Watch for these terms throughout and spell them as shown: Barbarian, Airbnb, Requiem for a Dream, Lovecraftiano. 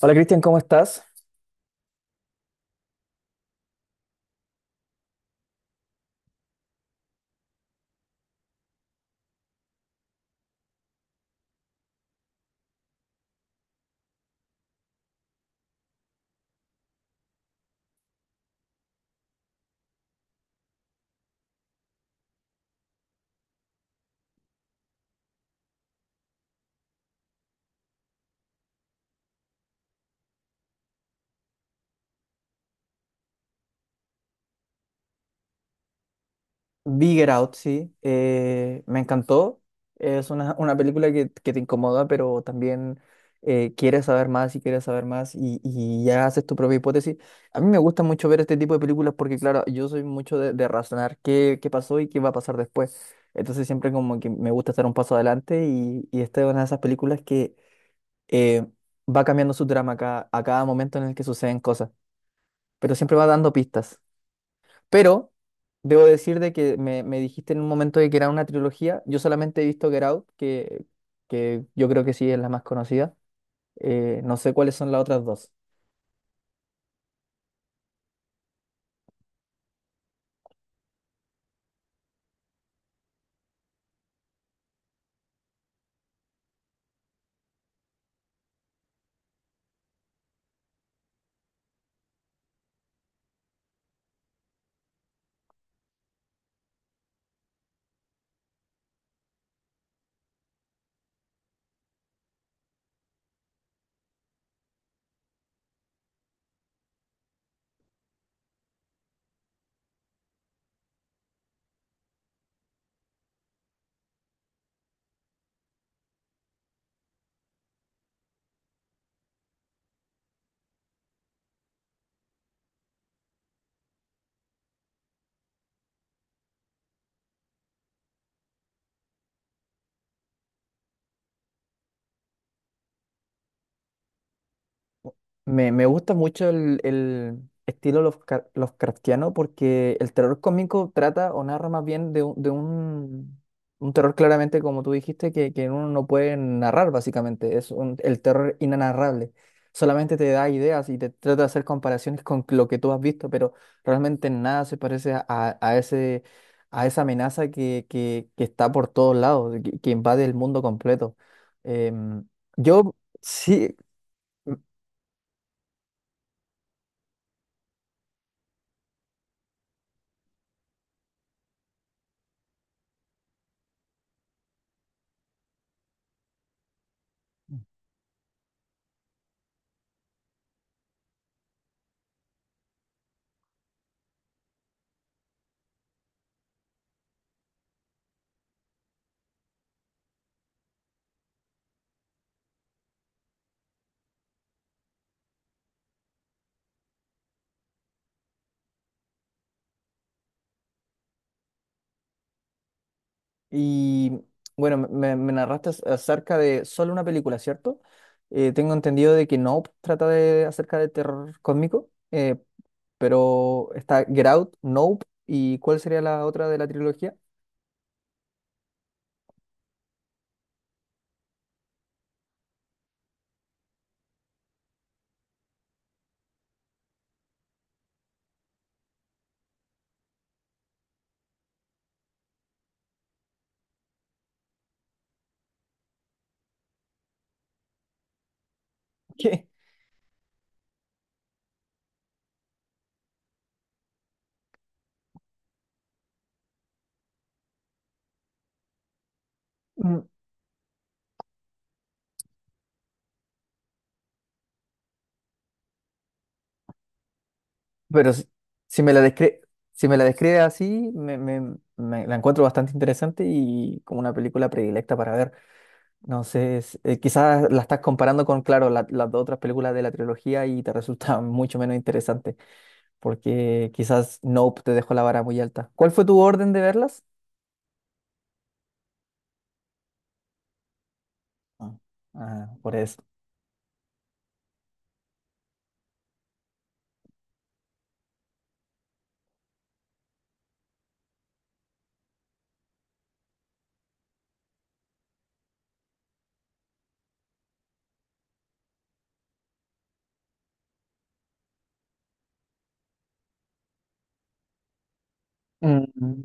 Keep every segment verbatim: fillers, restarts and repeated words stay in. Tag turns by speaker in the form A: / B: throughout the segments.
A: Hola Cristian, ¿cómo estás? Bigger Out, sí. Eh, me encantó. Es una, una película que, que te incomoda, pero también eh, quieres saber más y quieres saber más y, y ya haces tu propia hipótesis. A mí me gusta mucho ver este tipo de películas porque, claro, yo soy mucho de, de razonar qué, qué pasó y qué va a pasar después. Entonces siempre como que me gusta estar un paso adelante y, y esta es una de esas películas que eh, va cambiando su trama a cada, a cada momento en el que suceden cosas, pero siempre va dando pistas. Pero debo decir de que me, me dijiste en un momento de que era una trilogía. Yo solamente he visto Get Out, que, que yo creo que sí es la más conocida. Eh, no sé cuáles son las otras dos. Me, me gusta mucho el, el estilo Lovecra- Lovecraftiano porque el terror cómico trata o narra más bien de un, de un, un terror claramente, como tú dijiste, que, que uno no puede narrar básicamente. Es un- el terror inanarrable. Solamente te da ideas y te trata de hacer comparaciones con lo que tú has visto, pero realmente nada se parece a, a- a ese, a esa amenaza que, que, que está por todos lados, que, que invade el mundo completo. Em, yo sí. Y bueno, me, me narraste ac- acerca de solo una película, ¿cierto? Eh, tengo entendido de que Nope trata de acerca de terror cósmico, eh, pero está Get Out, Nope, ¿y cuál sería la otra de la trilogía? ¿Qué? Mm. Pero si, si me la descri- si me la describe así, me, me- me la encuentro bastante interesante y como una película predilecta para ver. No sé, es- eh, quizás la estás comparando con, claro, la- las dos otras películas de la trilogía y te resulta mucho menos interesante. Porque quizás Nope te dejó la vara muy alta. ¿Cuál fue tu orden de verlas? Ah, ah, por eso. Mm.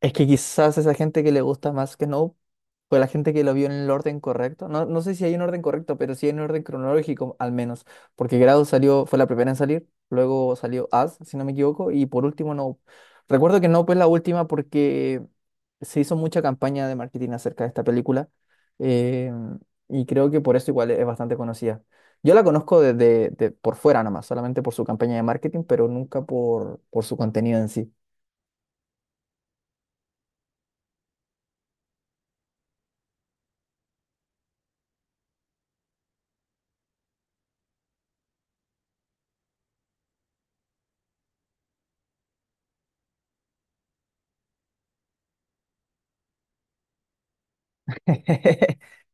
A: Es que quizás esa gente que le gusta más que Snow fue la gente que lo vio en el orden correcto. No, no sé si hay un orden correcto, pero sí hay un orden cronológico al menos. Porque Grado salió, fue la primera en salir, luego salió As, si no me equivoco, y por último Nope. Recuerdo que Nope fue la última porque se hizo mucha campaña de marketing acerca de esta película. eh, y creo que por eso igual es bastante conocida. Yo la conozco desde de- por fuera nomás, solamente por su campaña de marketing, pero nunca por, por su contenido en sí.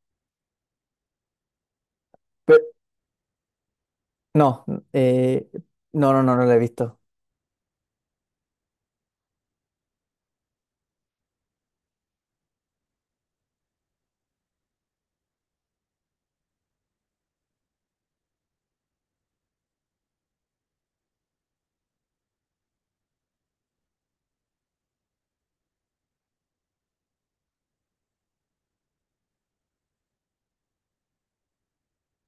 A: Pe- No, eh, no, no, no, no la he visto.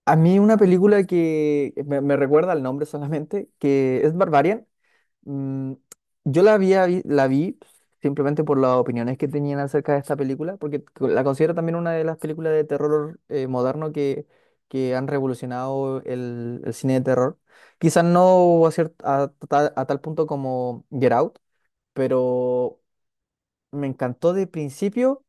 A: A mí una película que me, me recuerda el nombre solamente, que es Barbarian. mm, yo la había vi, la vi simplemente por las opiniones que tenían acerca de esta película, porque co- la considero también una de las películas de terror eh, moderno que, que han revolucionado el, el cine de terror. Quizás no a, cier- a tal, a tal punto como Get Out, pero me encantó de principio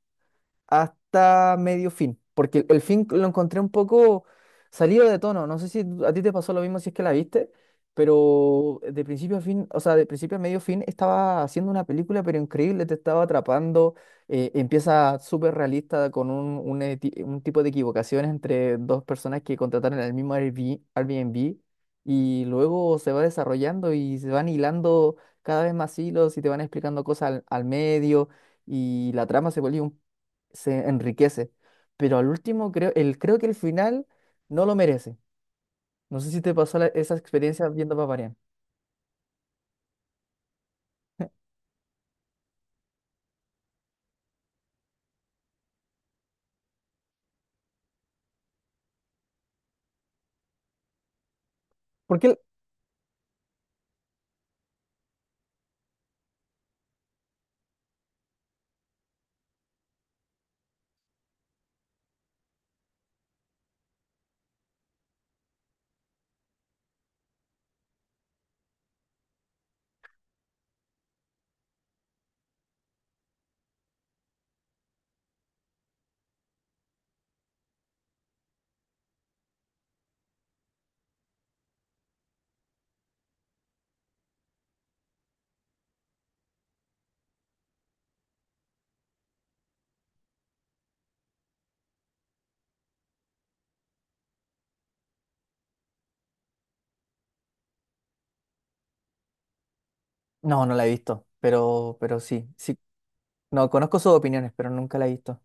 A: hasta medio fin, porque el, el fin lo encontré un poco salido de tono. No sé si a ti te pasó lo mismo si es que la viste, pero de principio a fin, o sea, de principio a medio fin estaba haciendo una película, pero increíble, te estaba atrapando. Eh, empieza súper realista con un, un eti- un tipo de equivocaciones entre dos personas que contrataron el mismo Airbnb, Airbnb, y luego se va desarrollando y se van hilando cada vez más hilos y te van explicando cosas al al medio y la trama se volvió se enriquece. Pero al último, creo, el, creo que el final no lo merece. No sé si te pasó la- esa experiencia viendo Paparian. ¿Por qué? el- No, no la he visto, pero, pero sí, sí. No, conozco sus opiniones, pero nunca la he visto.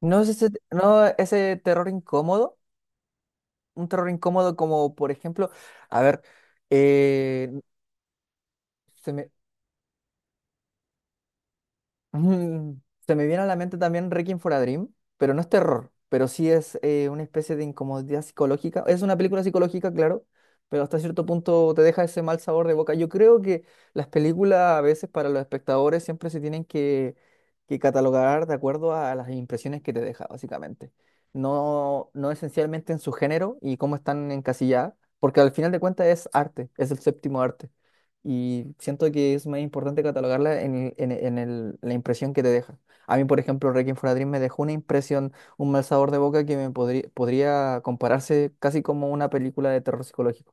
A: No es ese, no ese terror incómodo, un terror incómodo como, por ejemplo, a ver, eh, se me- Mm, se me viene a la mente también Requiem for a Dream, pero no es terror, pero sí es eh, una especie de incomodidad psicológica. Es una película psicológica, claro, pero hasta cierto punto te deja ese mal sabor de boca. Yo creo que las películas a veces para los espectadores siempre se tienen que, que catalogar de acuerdo a las impresiones que te deja, básicamente. No, no esencialmente en su género y cómo están encasilladas, porque al final de cuentas es arte, es el séptimo arte y siento que es más importante catalogarla en, el- en, en el- la impresión que te deja. A mí, por ejemplo, Requiem for a Dream me dejó una impresión, un mal sabor de boca que me podría, podría compararse casi como una película de terror psicológico.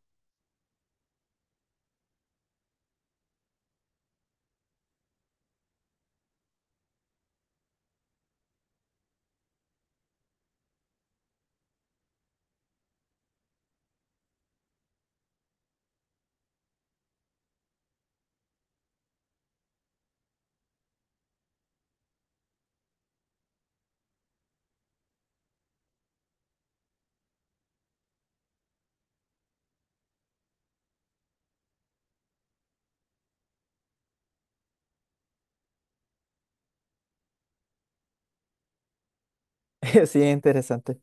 A: Sí, interesante.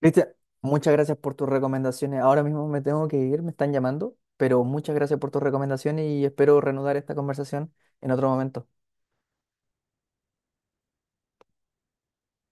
A: Cristian, muchas gracias por tus recomendaciones. Ahora mismo me tengo que ir, me están llamando, pero muchas gracias por tus recomendaciones y espero reanudar esta conversación en otro momento.